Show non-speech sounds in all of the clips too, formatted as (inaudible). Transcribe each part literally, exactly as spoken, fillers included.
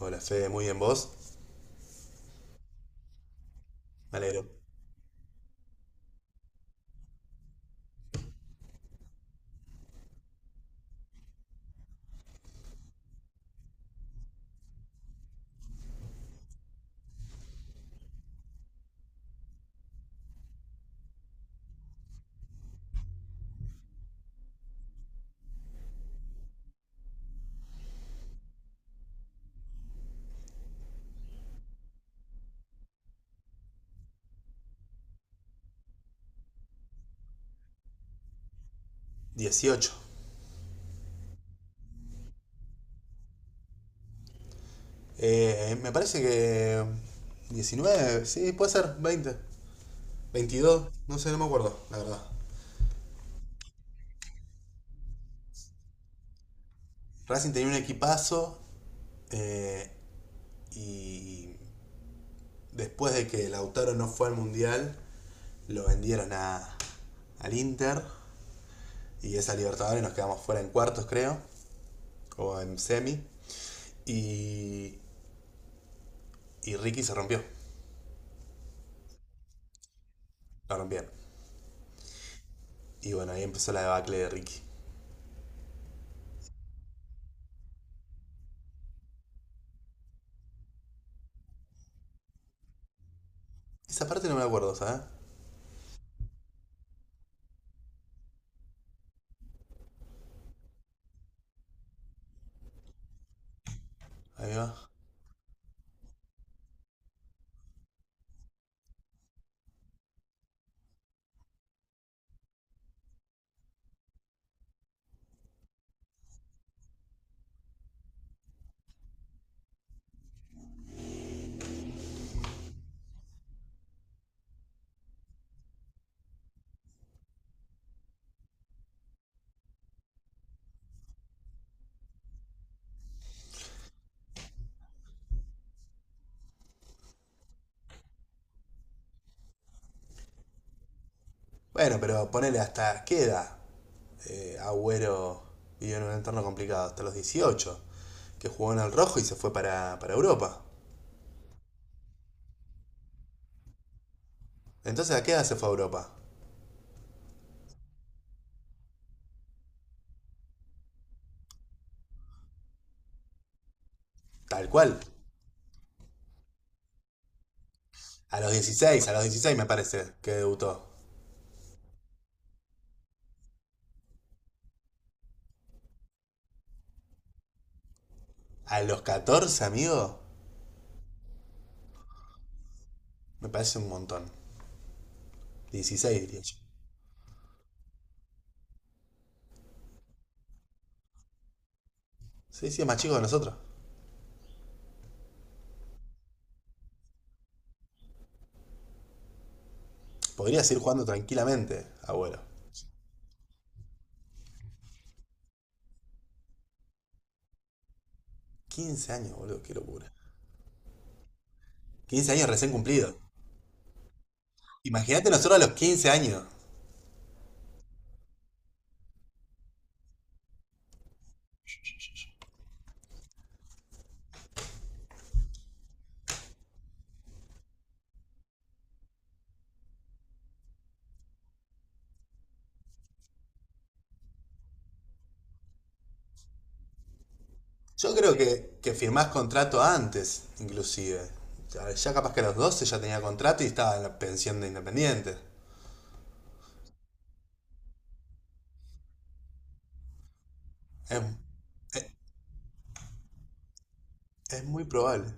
Hola Fede, muy bien vos. Me alegro. dieciocho. Eh, me parece que diecinueve. Sí, puede ser veinte. Veintidós. No sé, no me acuerdo, la verdad. Racing tenía un equipazo eh, y después de que Lautaro no fue al Mundial, lo vendieron a, al Inter. Y esa Libertadores nos quedamos fuera en cuartos, creo, o en semi. Y, y Ricky se rompió, la rompieron. Y bueno, ahí empezó la debacle de Ricky. Esa parte no me acuerdo, ¿sabes? Ahí va. Bueno, pero ponele hasta qué edad. Eh, Agüero vivió en un entorno complicado, hasta los dieciocho que jugó en el rojo y se fue para, para Europa. Entonces, ¿a qué edad se fue a Europa? Tal cual. A los dieciséis a los dieciséis me parece que debutó. A los catorce, amigo, me parece un montón. Dieciséis, diría yo. Sí, sí, es más chico que nosotros. Podría seguir jugando tranquilamente, abuelo. Quince años, boludo, qué locura. Quince años recién cumplidos. Imagínate nosotros a los quince años. Yo creo que, que firmás contrato antes, inclusive. Ya- capaz que a los doce ya tenía contrato y estaba en la pensión de Independiente. Es, es muy probable.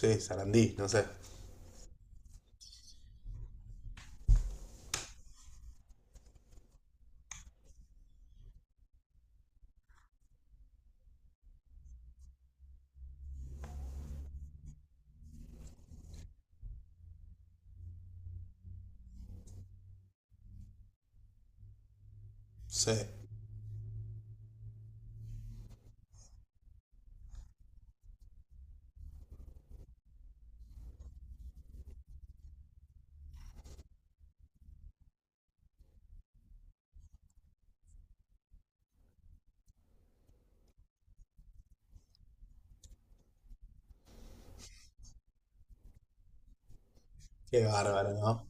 Sí, Sarandí, no sé. Sí. Qué bárbaro, ¿no?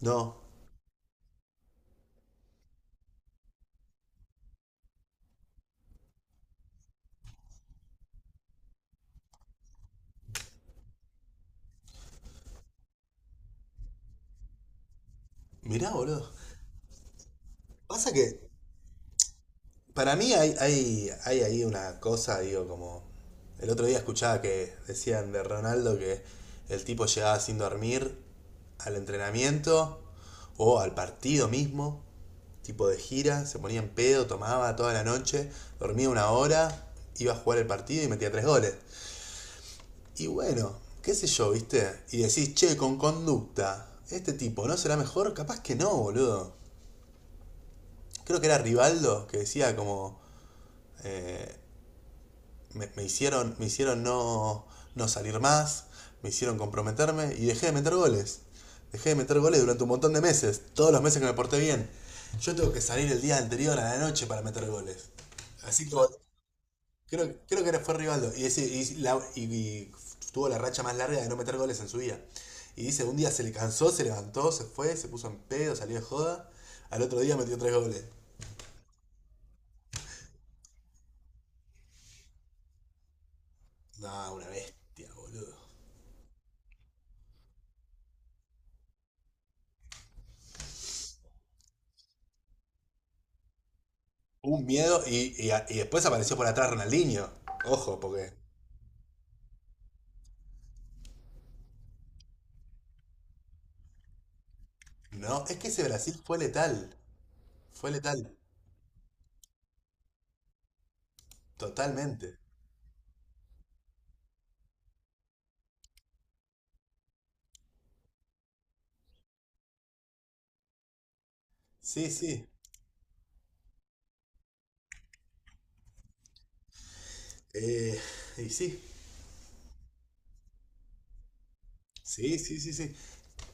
No. Mirá, boludo. Pasa que para mí hay, hay, hay ahí una cosa, digo, como... El otro día escuchaba que decían de Ronaldo que el tipo llegaba sin dormir al entrenamiento o al partido mismo, tipo de gira. Se ponía en pedo, tomaba toda la noche, dormía una hora, iba a jugar el partido y metía tres goles. Y bueno, qué sé yo, ¿viste? Y decís, che, con conducta, este tipo, ¿no será mejor? Capaz que no, boludo. Creo que era Rivaldo que decía como, eh, me, me hicieron, me hicieron no, no salir más, me hicieron comprometerme y dejé de meter goles. Dejé de meter goles durante un montón de meses, todos los meses que me porté bien. Yo tengo que salir el día anterior a la noche para meter goles. Así que Creo, creo que era- fue Rivaldo. Y, ese, y, la- y- y tuvo la racha más larga de no meter goles en su vida. Y dice, un día se le cansó, se levantó, se fue, se puso en pedo, salió de joda. Al otro día metió tres goles. No, una bestia, boludo. Un miedo. Y, y a- y después apareció por atrás Ronaldinho. Ojo, porque... No, es que ese Brasil fue letal. Fue letal. Totalmente. Sí, sí. Eh, y sí. Sí, sí, sí, sí.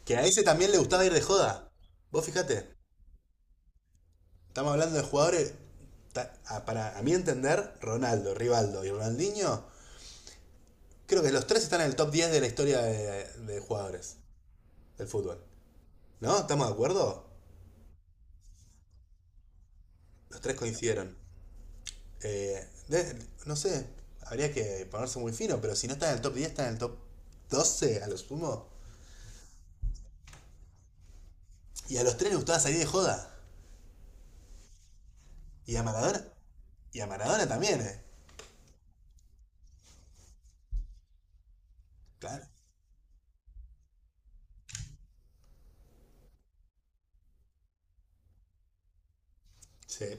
Que a ese también le gustaba ir de joda. Vos fijate. Estamos hablando de jugadores. Para a mi entender, Ronaldo, Rivaldo y Ronaldinho, creo que los tres están en el top diez de la historia de, de jugadores del fútbol. ¿No? ¿Estamos de acuerdo? Los tres coincidieron. Eh, de- no sé, habría que ponerse muy fino, pero si no está en el top diez, está en el top doce a lo sumo. Y a los tres les gustaba salir de joda. Y a Maradona. Y a Maradona también, ¿eh? Claro. Sí.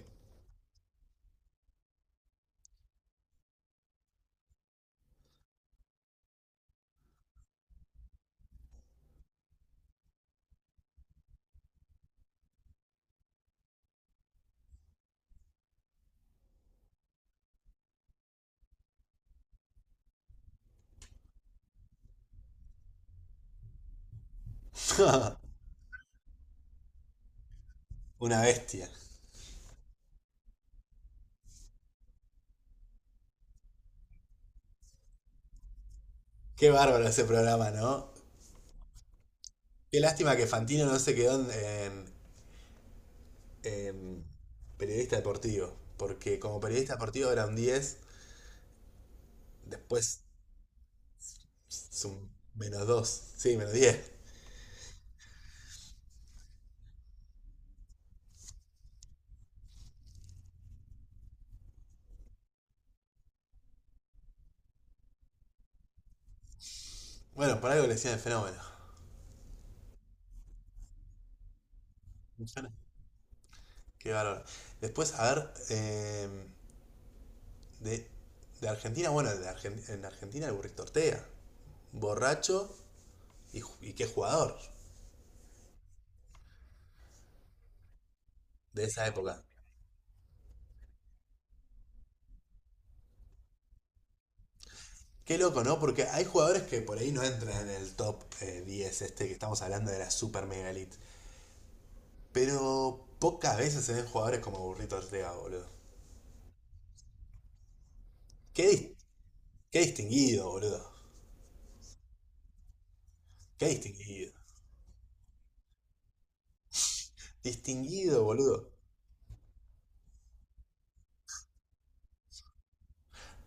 (laughs) Una bestia. Qué bárbaro ese programa, ¿no? Qué lástima que Fantino no se quedó en, en- en periodista deportivo, porque como periodista deportivo era un diez, después es un menos dos. Sí, menos diez. Bueno, por algo le decían el Fenómeno. Un fenómeno. Qué bárbaro. Después, a ver, eh, de, de Argentina. Bueno, de Argen- en Argentina el Burrito Ortega, borracho y, ju- y qué jugador de esa época. Qué loco, ¿no? Porque hay jugadores que por ahí no entran en el top eh, diez, este, que estamos hablando de la Super Mega Elite. Pero pocas veces se ven jugadores como Burrito Ortega, boludo. Qué, dis- qué distinguido, boludo. Qué distinguido. Distinguido, boludo.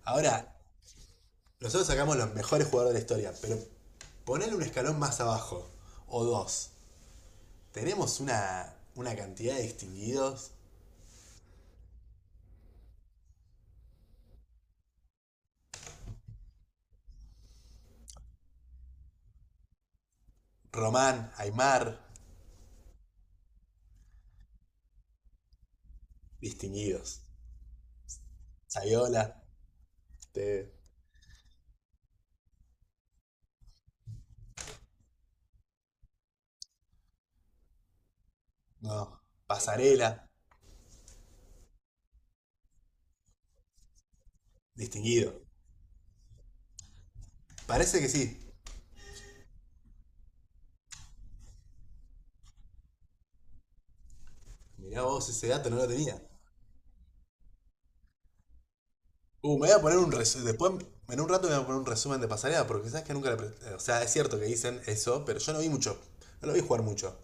Ahora, nosotros sacamos los mejores jugadores de la historia, pero ponerle un escalón más abajo, o dos. Tenemos una, una cantidad de distinguidos. Román, Aymar, distinguidos. Sayola, este, no, Pasarela, distinguido. Parece que sí. Mirá vos, ese dato no lo tenía. Uh, me voy a poner un resumen. Después, en un rato me voy a poner un resumen de Pasarela, porque sabes que nunca la pre- O sea, es cierto que dicen eso, pero yo no vi mucho. No lo vi jugar mucho.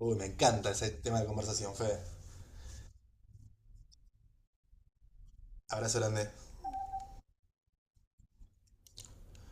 Uy, me encanta ese tema de conversación, Fede. Abrazo grande.